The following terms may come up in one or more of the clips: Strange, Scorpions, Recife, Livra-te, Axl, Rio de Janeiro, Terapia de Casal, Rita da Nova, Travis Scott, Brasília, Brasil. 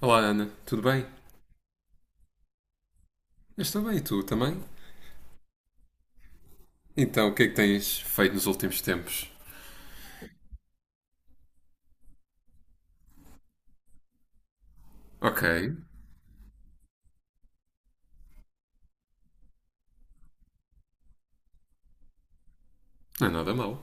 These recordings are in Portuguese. Olá Ana, tudo bem? Eu estou bem e tu também? Então, o que é que tens feito nos últimos tempos? Ok, não é nada mal.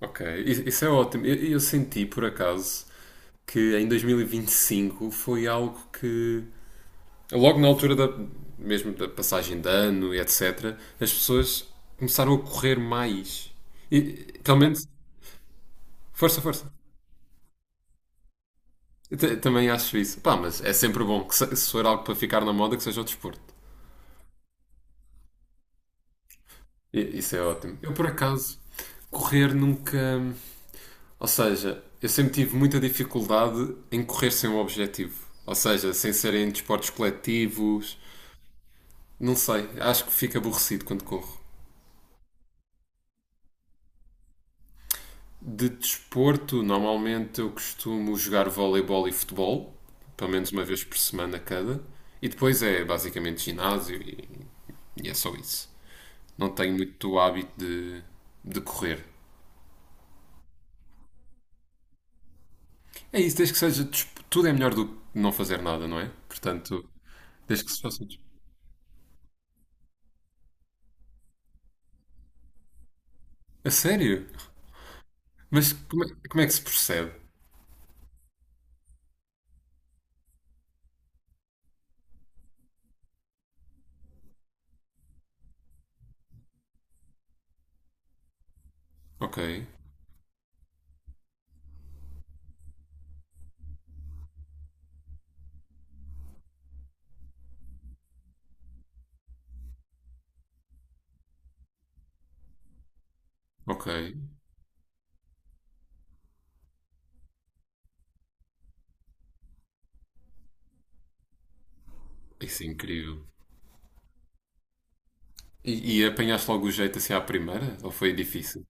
Ok, isso é ótimo. Eu senti por acaso que em 2025 foi algo que, logo na altura da, mesmo da passagem de ano e etc., as pessoas começaram a correr mais. E, pelo menos, força, força. Eu também acho isso. Pá, mas é sempre bom que se for algo para ficar na moda, que seja o desporto. Isso é ótimo. Eu, por acaso, correr nunca. Ou seja, eu sempre tive muita dificuldade em correr sem um objetivo. Ou seja, sem serem desportos coletivos. Não sei, acho que fico aborrecido quando corro. De desporto, normalmente eu costumo jogar voleibol e futebol, pelo menos uma vez por semana cada. E depois é basicamente ginásio e é só isso. Não tenho muito hábito de correr. É isso, desde que seja. Tudo é melhor do que não fazer nada, não é? Portanto, desde que se faça. A sério? Mas como é que se percebe? Ok, ok. Isso é incrível. E apanhaste logo o jeito assim à primeira? Ou foi difícil?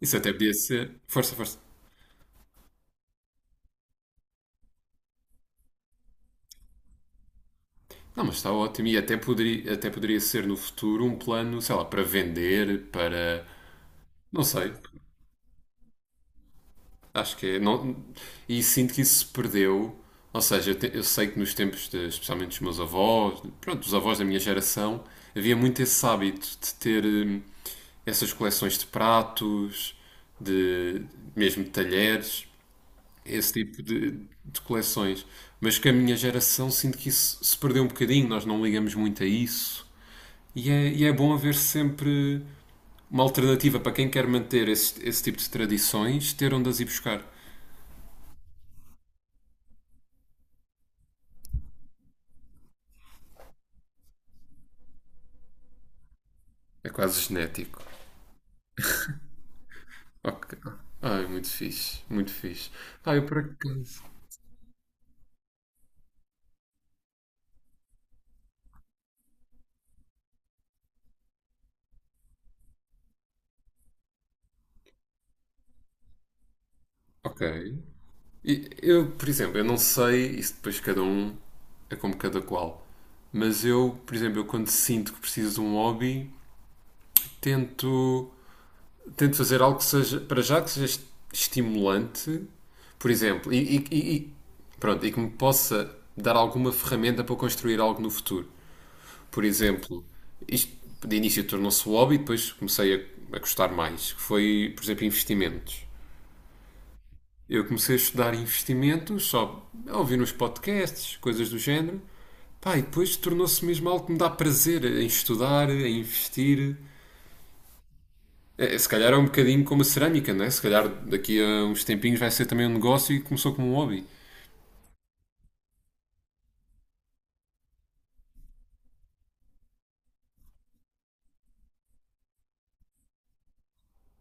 Isso até podia ser. Força, força. Não, mas está ótimo. E até poderia ser no futuro um plano, sei lá, para vender, para. Não sei. Acho que é. Não, e sinto que isso se perdeu. Ou seja, eu sei que nos tempos, especialmente dos meus avós, pronto, dos avós da minha geração, havia muito esse hábito de ter essas coleções de pratos, de mesmo de talheres, esse tipo de coleções. Mas que a minha geração sinto que isso se perdeu um bocadinho, nós não ligamos muito a isso. E é bom haver sempre uma alternativa para quem quer manter esse tipo de tradições, ter onde as ir buscar. É quase genético. Ok. Ai, muito fixe, muito fixe. Ah, eu por acaso. Ok. E eu, por exemplo, eu não sei, isso depois cada um é como cada qual. Mas eu, por exemplo, eu quando sinto que preciso de um hobby, tento, tento fazer algo que seja, para já que seja estimulante, por exemplo, pronto, e que me possa dar alguma ferramenta para construir algo no futuro. Por exemplo, isto de início tornou-se um hobby, depois comecei a gostar mais, que foi, por exemplo, investimentos. Eu comecei a estudar investimentos, só a ouvir uns podcasts, coisas do género. Pá, e depois tornou-se mesmo algo que me dá prazer em estudar, em investir. É, se calhar é um bocadinho como a cerâmica, não é? Se calhar daqui a uns tempinhos vai ser também um negócio e começou como um hobby.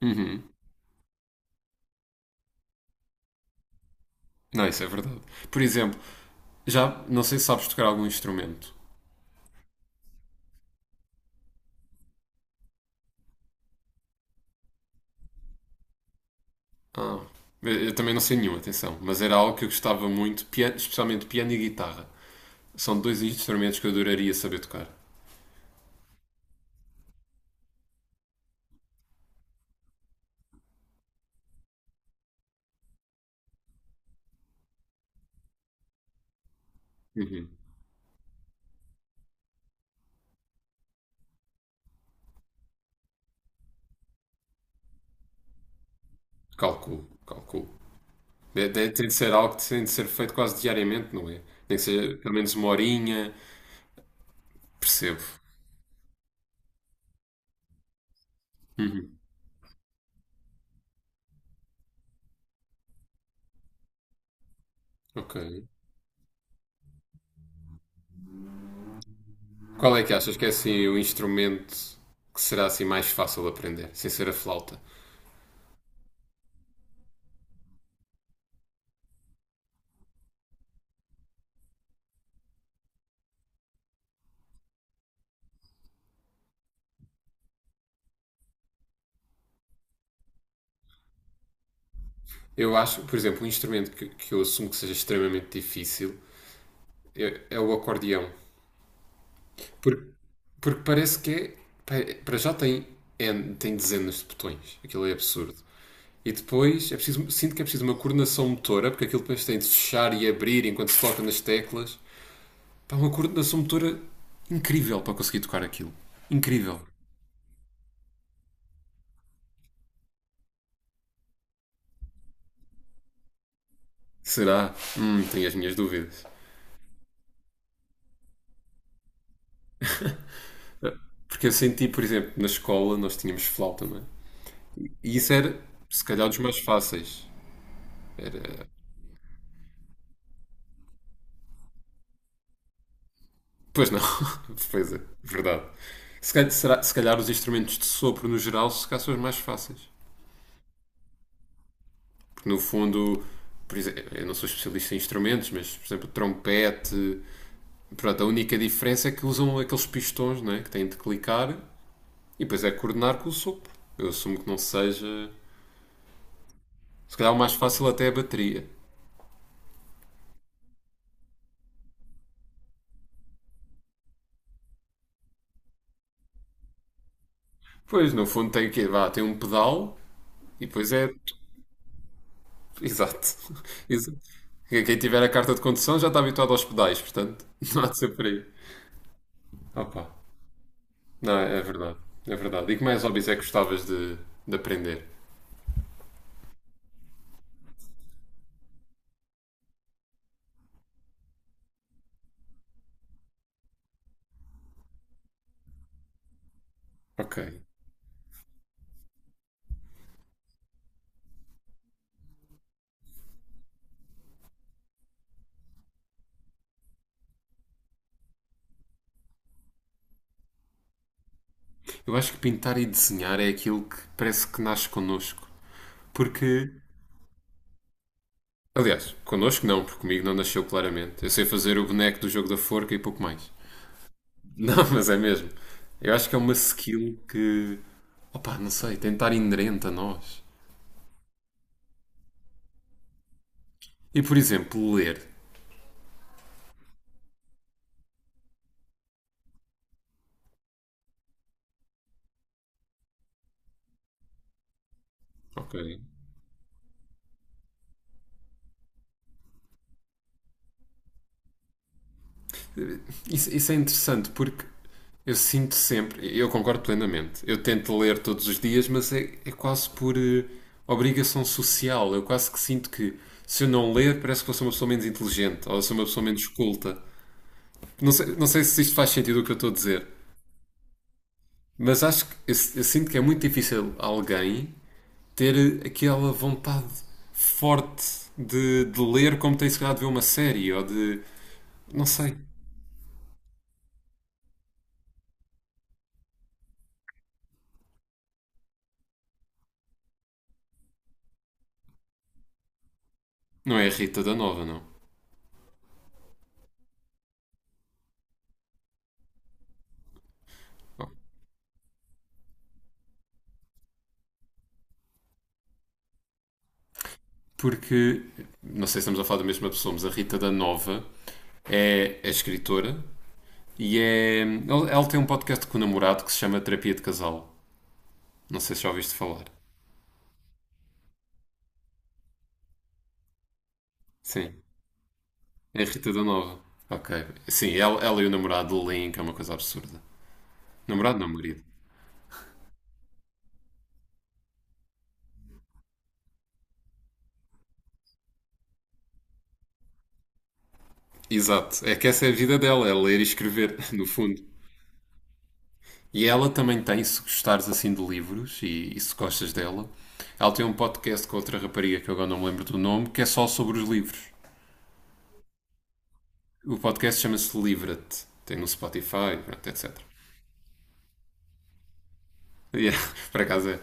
Uhum. Não, isso é verdade. Por exemplo, já não sei se sabes tocar algum instrumento. Ah, eu também não sei nenhuma, atenção, mas era algo que eu gostava muito, especialmente piano e guitarra. São dois instrumentos que eu adoraria saber tocar. Calculo, calculo. Tem de ser algo que tem de ser feito quase diariamente, não é? Tem que ser pelo menos uma horinha. Percebo. Ok. Qual é que achas que é assim o instrumento que será assim mais fácil de aprender, sem ser a flauta? Eu acho, por exemplo, um instrumento que eu assumo que seja extremamente difícil é o acordeão. Porque, porque parece que é. Pá, para já tem, tem dezenas de botões. Aquilo é absurdo. E depois é preciso, sinto que é preciso uma coordenação motora, porque aquilo depois tem de fechar e abrir enquanto se toca nas teclas. Pá, uma coordenação motora incrível para conseguir tocar aquilo. Incrível. Será? Tenho as minhas dúvidas. Ah, porque eu senti, por exemplo, na escola nós tínhamos flauta, não é? E isso era, se calhar, dos mais fáceis. Pois não. Pois é, verdade. Se calhar, se calhar os instrumentos de sopro no geral se calhar são os mais fáceis. Porque no fundo, por exemplo, eu não sou especialista em instrumentos, mas por exemplo, trompete. Pronto, a única diferença é que usam aqueles pistões né, que têm de clicar e depois é coordenar com o sopro. Eu assumo que não seja. Se calhar o mais fácil até é a bateria. Pois, no fundo tem o quê? Vá, tem um pedal e depois é. Exato. Exato. Quem tiver a carta de condução já está habituado aos pedais, portanto, não há de ser por aí. Opa. Não, é verdade. É verdade. E que mais hobbies é que gostavas de aprender? Ok. Eu acho que pintar e desenhar é aquilo que parece que nasce connosco. Porque. Aliás, connosco não, porque comigo não nasceu claramente. Eu sei fazer o boneco do jogo da forca e pouco mais. Não, mas é mesmo. Eu acho que é uma skill que. Opa, não sei, tem de estar inerente a nós. E por exemplo, ler. Ok. Isso é interessante porque eu sinto sempre, eu concordo plenamente. Eu tento ler todos os dias, mas é quase por obrigação social. Eu quase que sinto que se eu não ler, parece que eu sou uma pessoa menos inteligente ou eu sou uma pessoa menos culta. Não sei se isto faz sentido o que eu estou a dizer, mas acho que eu sinto que é muito difícil alguém ter aquela vontade forte de ler como tem se calhar de ver uma série ou de. Não sei. Não é a Rita da Nova, não. Porque não sei se estamos a falar da mesma pessoa, mas a Rita da Nova é escritora e é. Ela tem um podcast com o namorado que se chama Terapia de Casal. Não sei se já ouviste falar. Sim, é a Rita da Nova. Ok. Sim, ela e o namorado leem, que é uma coisa absurda. Namorado não, marido. Exato. É que essa é a vida dela, é ler e escrever, no fundo. E ela também tem, se gostares assim de livros e se gostas dela, ela tem um podcast com outra rapariga que eu agora não me lembro do nome, que é só sobre os livros. O podcast chama-se Livra-te. Tem no Spotify, pronto, etc. Yeah, por acaso é.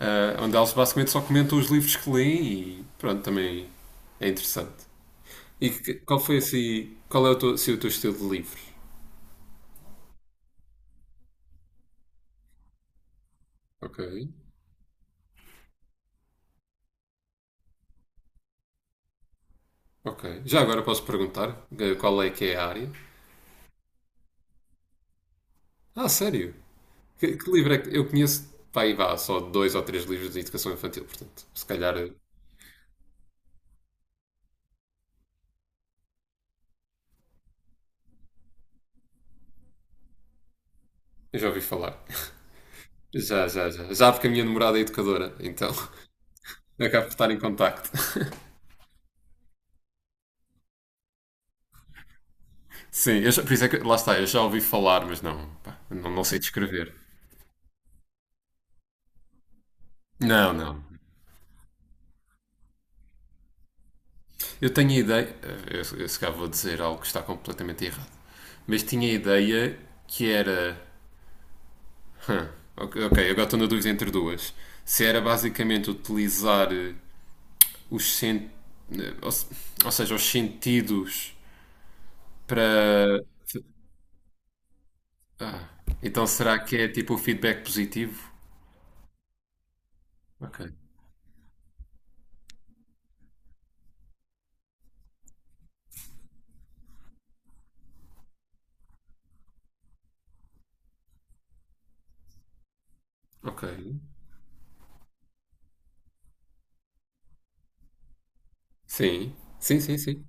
Ah, onde eles basicamente só comentam os livros que leem e pronto, também é interessante. E qual foi assim. Qual é o teu, assim, o teu estilo de livros? Ok. Ok. Já agora posso perguntar qual é que é a área? Ah, sério? Que livro é que. Eu conheço, pá, aí vá, só dois ou três livros de educação infantil, portanto, se calhar eu já ouvi falar. Já, já, já. Já porque a minha namorada é educadora, então acabo de estar em contacto. Sim, eu por isso é que lá está, eu já ouvi falar, mas não, pá, não, não sei descrever. Não, não. Eu tenho a ideia, eu se calhar vou dizer algo que está completamente errado, mas tinha a ideia que era. hum, ok, ok, agora estou na dúvida entre duas. Se era basicamente utilizar eh, os sen, eh, ou, se- ou seja, os sentidos para. Ah, então será que é tipo o feedback positivo? Ok, ok. Sim, sim, sim, sim.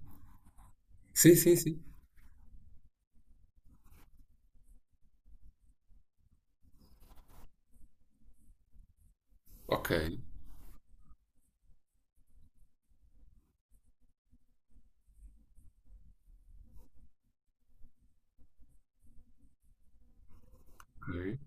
Sim, sim, sim. Ok. Uhum.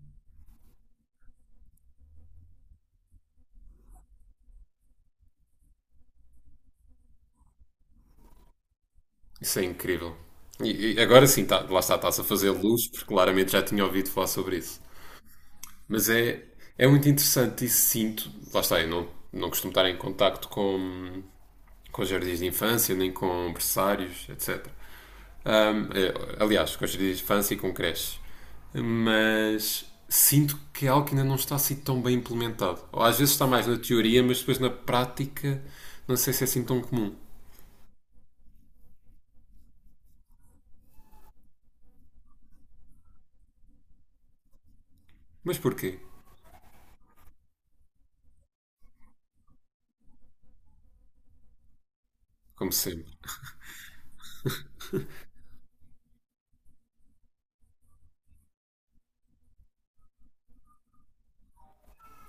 Isso é incrível. E agora sim, tá, lá está, está-se a fazer luz, porque claramente já tinha ouvido falar sobre isso. Mas é muito interessante e sinto, lá está, eu não costumo estar em contacto com jardins de infância, nem com berçários, etc. É, aliás, com jardins de infância e com creches. Mas sinto que é algo que ainda não está assim tão bem implementado. Ou às vezes está mais na teoria, mas depois na prática não sei se é assim tão comum. Mas porquê? Como sempre.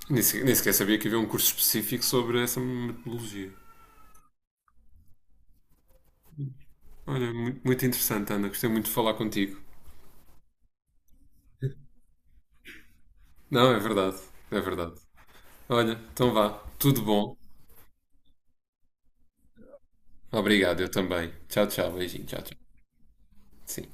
Nem sequer sabia que havia um curso específico sobre essa metodologia. Olha, muito, muito interessante, Ana. Gostei muito de falar contigo. Não, é verdade. É verdade. Olha, então vá. Tudo bom. Obrigado, eu também. Tchau, tchau. Beijinho. Tchau, tchau. Sim.